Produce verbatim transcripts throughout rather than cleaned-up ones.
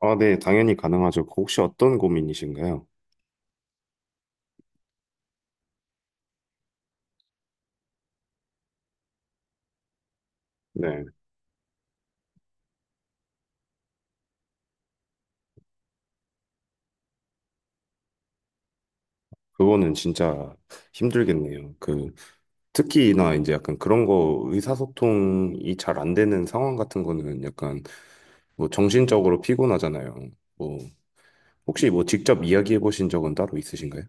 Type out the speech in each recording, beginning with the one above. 아, 네, 당연히 가능하죠. 그 혹시 어떤 고민이신가요? 네, 그거는 진짜 힘들겠네요. 그, 특히나 이제 약간 그런 거 의사소통이 잘 안 되는 상황 같은 거는 약간 뭐 정신적으로 피곤하잖아요. 뭐, 혹시 뭐 직접 이야기해 보신 적은 따로 있으신가요?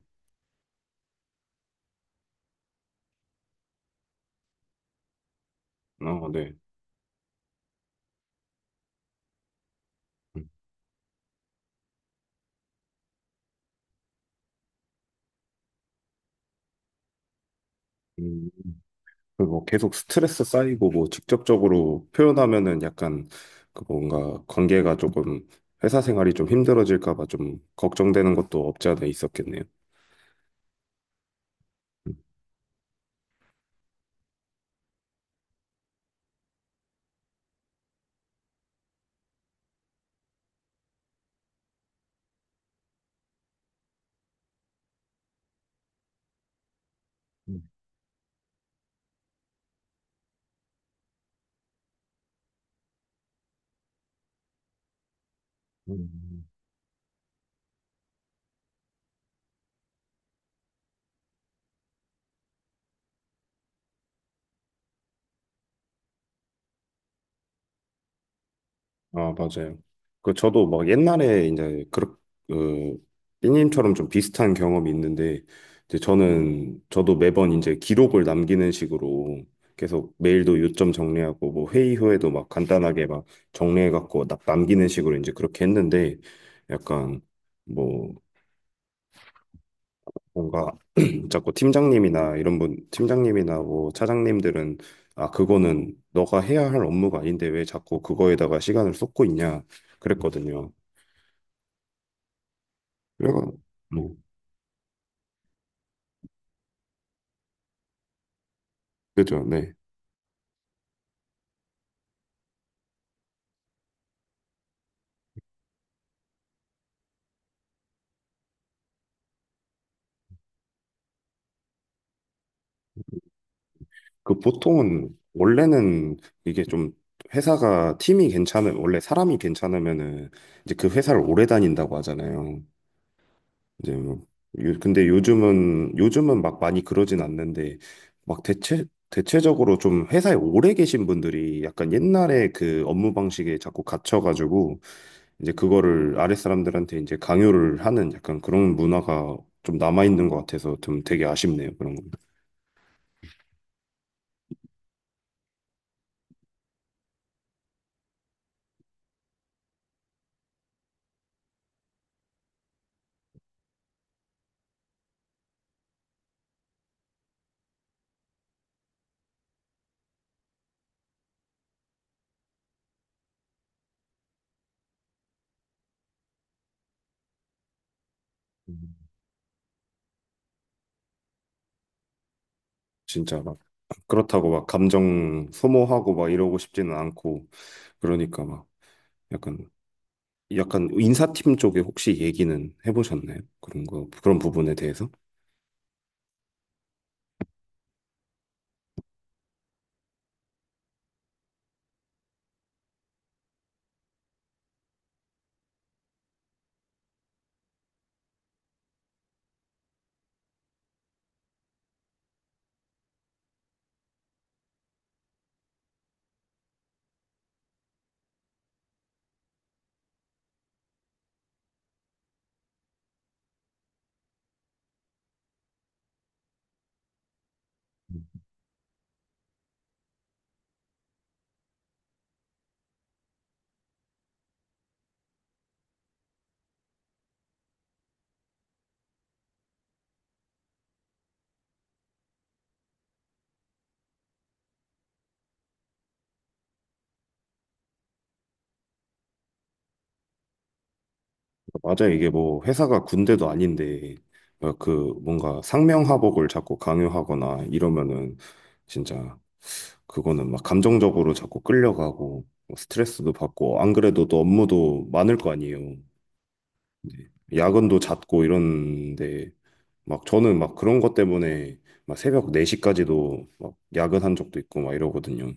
아, 네. 음, 음, 그뭐 계속 스트레스 쌓이고 뭐 직접적으로 표현하면은 약간 그 뭔가 관계가 조금 회사 생활이 좀 힘들어질까 봐 좀 걱정되는 것도 없지 않아 있었겠네요. 음. 음. 아, 맞아요. 그 저도 막 옛날에 이제 그렇 그 삐님처럼 좀 비슷한 경험이 있는데 이제 저는 저도 매번 이제 기록을 남기는 식으로 계속 메일도 요점 정리하고 뭐 회의 후에도 막 간단하게 막 정리해 갖고 남기는 식으로 이제 그렇게 했는데 약간 뭐 뭔가 자꾸 팀장님이나 이런 분, 팀장님이나 뭐 차장님들은 아, 그거는 너가 해야 할 업무가 아닌데 왜 자꾸 그거에다가 시간을 쏟고 있냐 그랬거든요. 그래가 뭐 그죠, 네. 그 보통은 원래는 이게 좀 회사가 팀이 괜찮은 원래 사람이 괜찮으면은 이제 그 회사를 오래 다닌다고 하잖아요. 이제 뭐 요- 근데 요즘은 요즘은 막 많이 그러진 않는데 막 대체 대체적으로 좀 회사에 오래 계신 분들이 약간 옛날에 그 업무 방식에 자꾸 갇혀가지고 이제 그거를 아랫 사람들한테 이제 강요를 하는 약간 그런 문화가 좀 남아 있는 것 같아서 좀 되게 아쉽네요 그런 거. 음. 진짜 막 그렇다고 막 감정 소모하고 막 이러고 싶지는 않고 그러니까 막 약간 약간 인사팀 쪽에 혹시 얘기는 해보셨나요? 그런 거 그런 부분에 대해서? 맞아. 이게 뭐 회사가 군대도 아닌데 어, 그 뭔가 상명하복을 자꾸 강요하거나 이러면은 진짜 그거는 막 감정적으로 자꾸 끌려가고 뭐 스트레스도 받고 안 그래도 또 업무도 많을 거 아니에요. 이제 야근도 잦고 이런데 막 저는 막 그런 것 때문에 막 새벽 네 시까지도 막 야근한 적도 있고 막 이러거든요.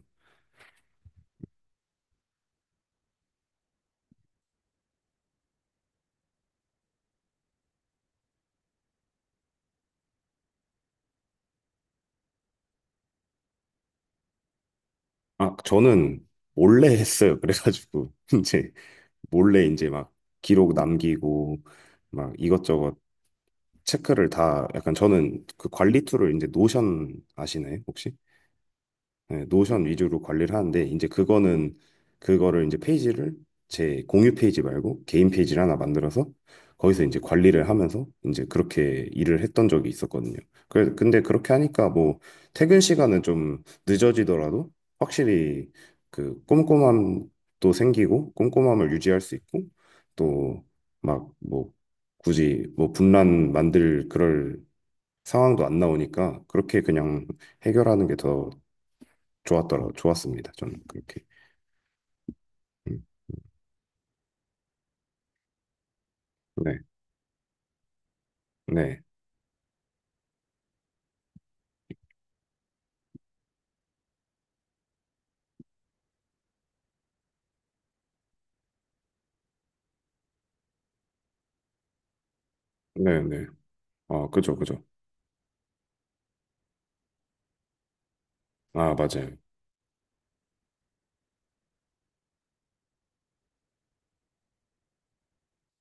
아, 저는 몰래 했어요. 그래가지고 이제 몰래 이제 막 기록 남기고 막 이것저것 체크를 다 약간 저는 그 관리 툴을 이제 노션 아시나요? 혹시? 네, 노션 위주로 관리를 하는데 이제 그거는 그거를 이제 페이지를 제 공유 페이지 말고 개인 페이지를 하나 만들어서 거기서 이제 관리를 하면서 이제 그렇게 일을 했던 적이 있었거든요. 그래, 근데 그렇게 하니까 뭐 퇴근 시간은 좀 늦어지더라도 확실히 그 꼼꼼함도 생기고 꼼꼼함을 유지할 수 있고 또 막 뭐 굳이 뭐 분란 만들 그럴 상황도 안 나오니까 그렇게 그냥 해결하는 게더 좋았더라, 좋았습니다. 저는 그렇게. 음, 네, 네, 네, 네. 아, 그죠, 그죠. 아, 맞아요.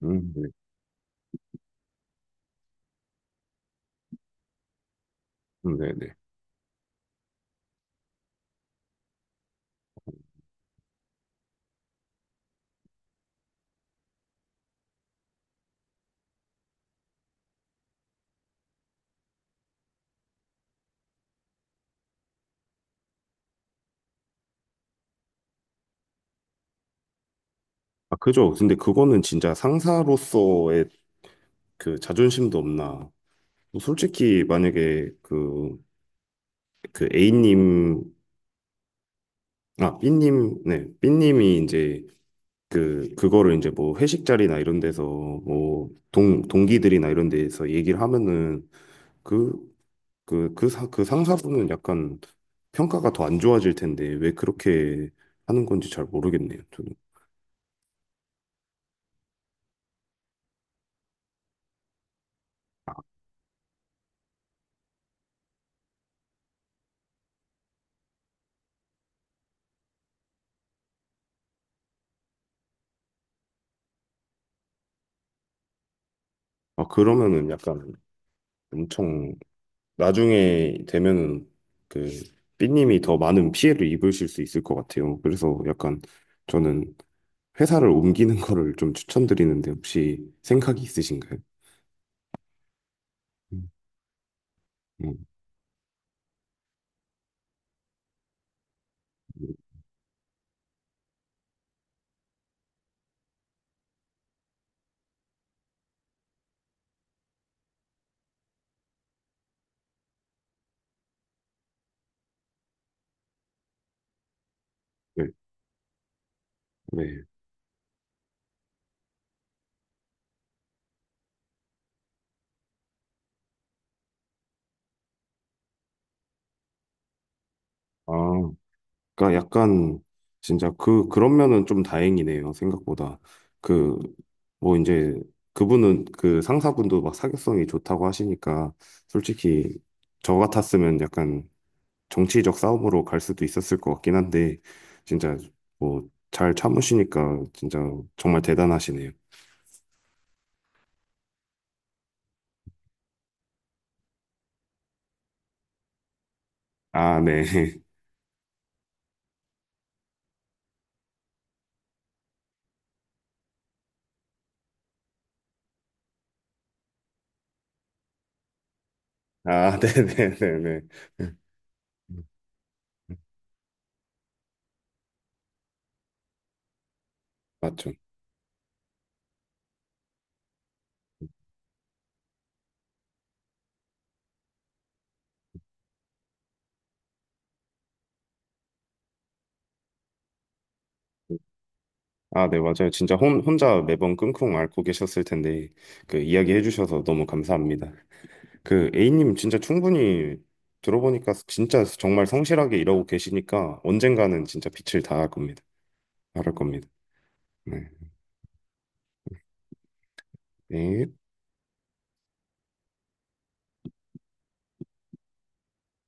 음, 네, 음, 네, 네. 아, 그죠. 근데 그거는 진짜 상사로서의 그 자존심도 없나. 뭐 솔직히 만약에 그, 그 A님, 아, B님, 네, B님이 이제 그, 그거를 이제 뭐 회식 자리나 이런 데서 뭐 동, 동기들이나 이런 데서 얘기를 하면은 그 그, 그, 사, 그 상사분은 약간 평가가 더 안 좋아질 텐데 왜 그렇게 하는 건지 잘 모르겠네요. 저는. 아, 아, 그러면은 약간 엄청 나중에 되면은 그 삐님이 더 많은 피해를 입으실 수 있을 것 같아요. 그래서 약간 저는 회사를 옮기는 거를 좀 추천드리는데 혹시 생각이 있으신가요? 음, 음, 네, 네. 아, 그러니까 약간 진짜 그 그런 면은 좀 다행이네요. 생각보다 그 뭐 이제 그분은 그 상사분도 막 사교성이 좋다고 하시니까 솔직히 저 같았으면 약간 정치적 싸움으로 갈 수도 있었을 것 같긴 한데 진짜 뭐 잘 참으시니까 진짜 정말 대단하시네요. 아, 네. 아, 네네네네. 맞죠. 아, 네, 맞아요. 진짜 혼, 혼자 매번 끙끙 앓고 계셨을 텐데, 그, 이야기해 주셔서 너무 감사합니다. 그, A님 진짜 충분히 들어보니까 진짜 정말 성실하게 일하고 계시니까 언젠가는 진짜 빛을 다할 겁니다. 바랄 겁니다. 네. 네.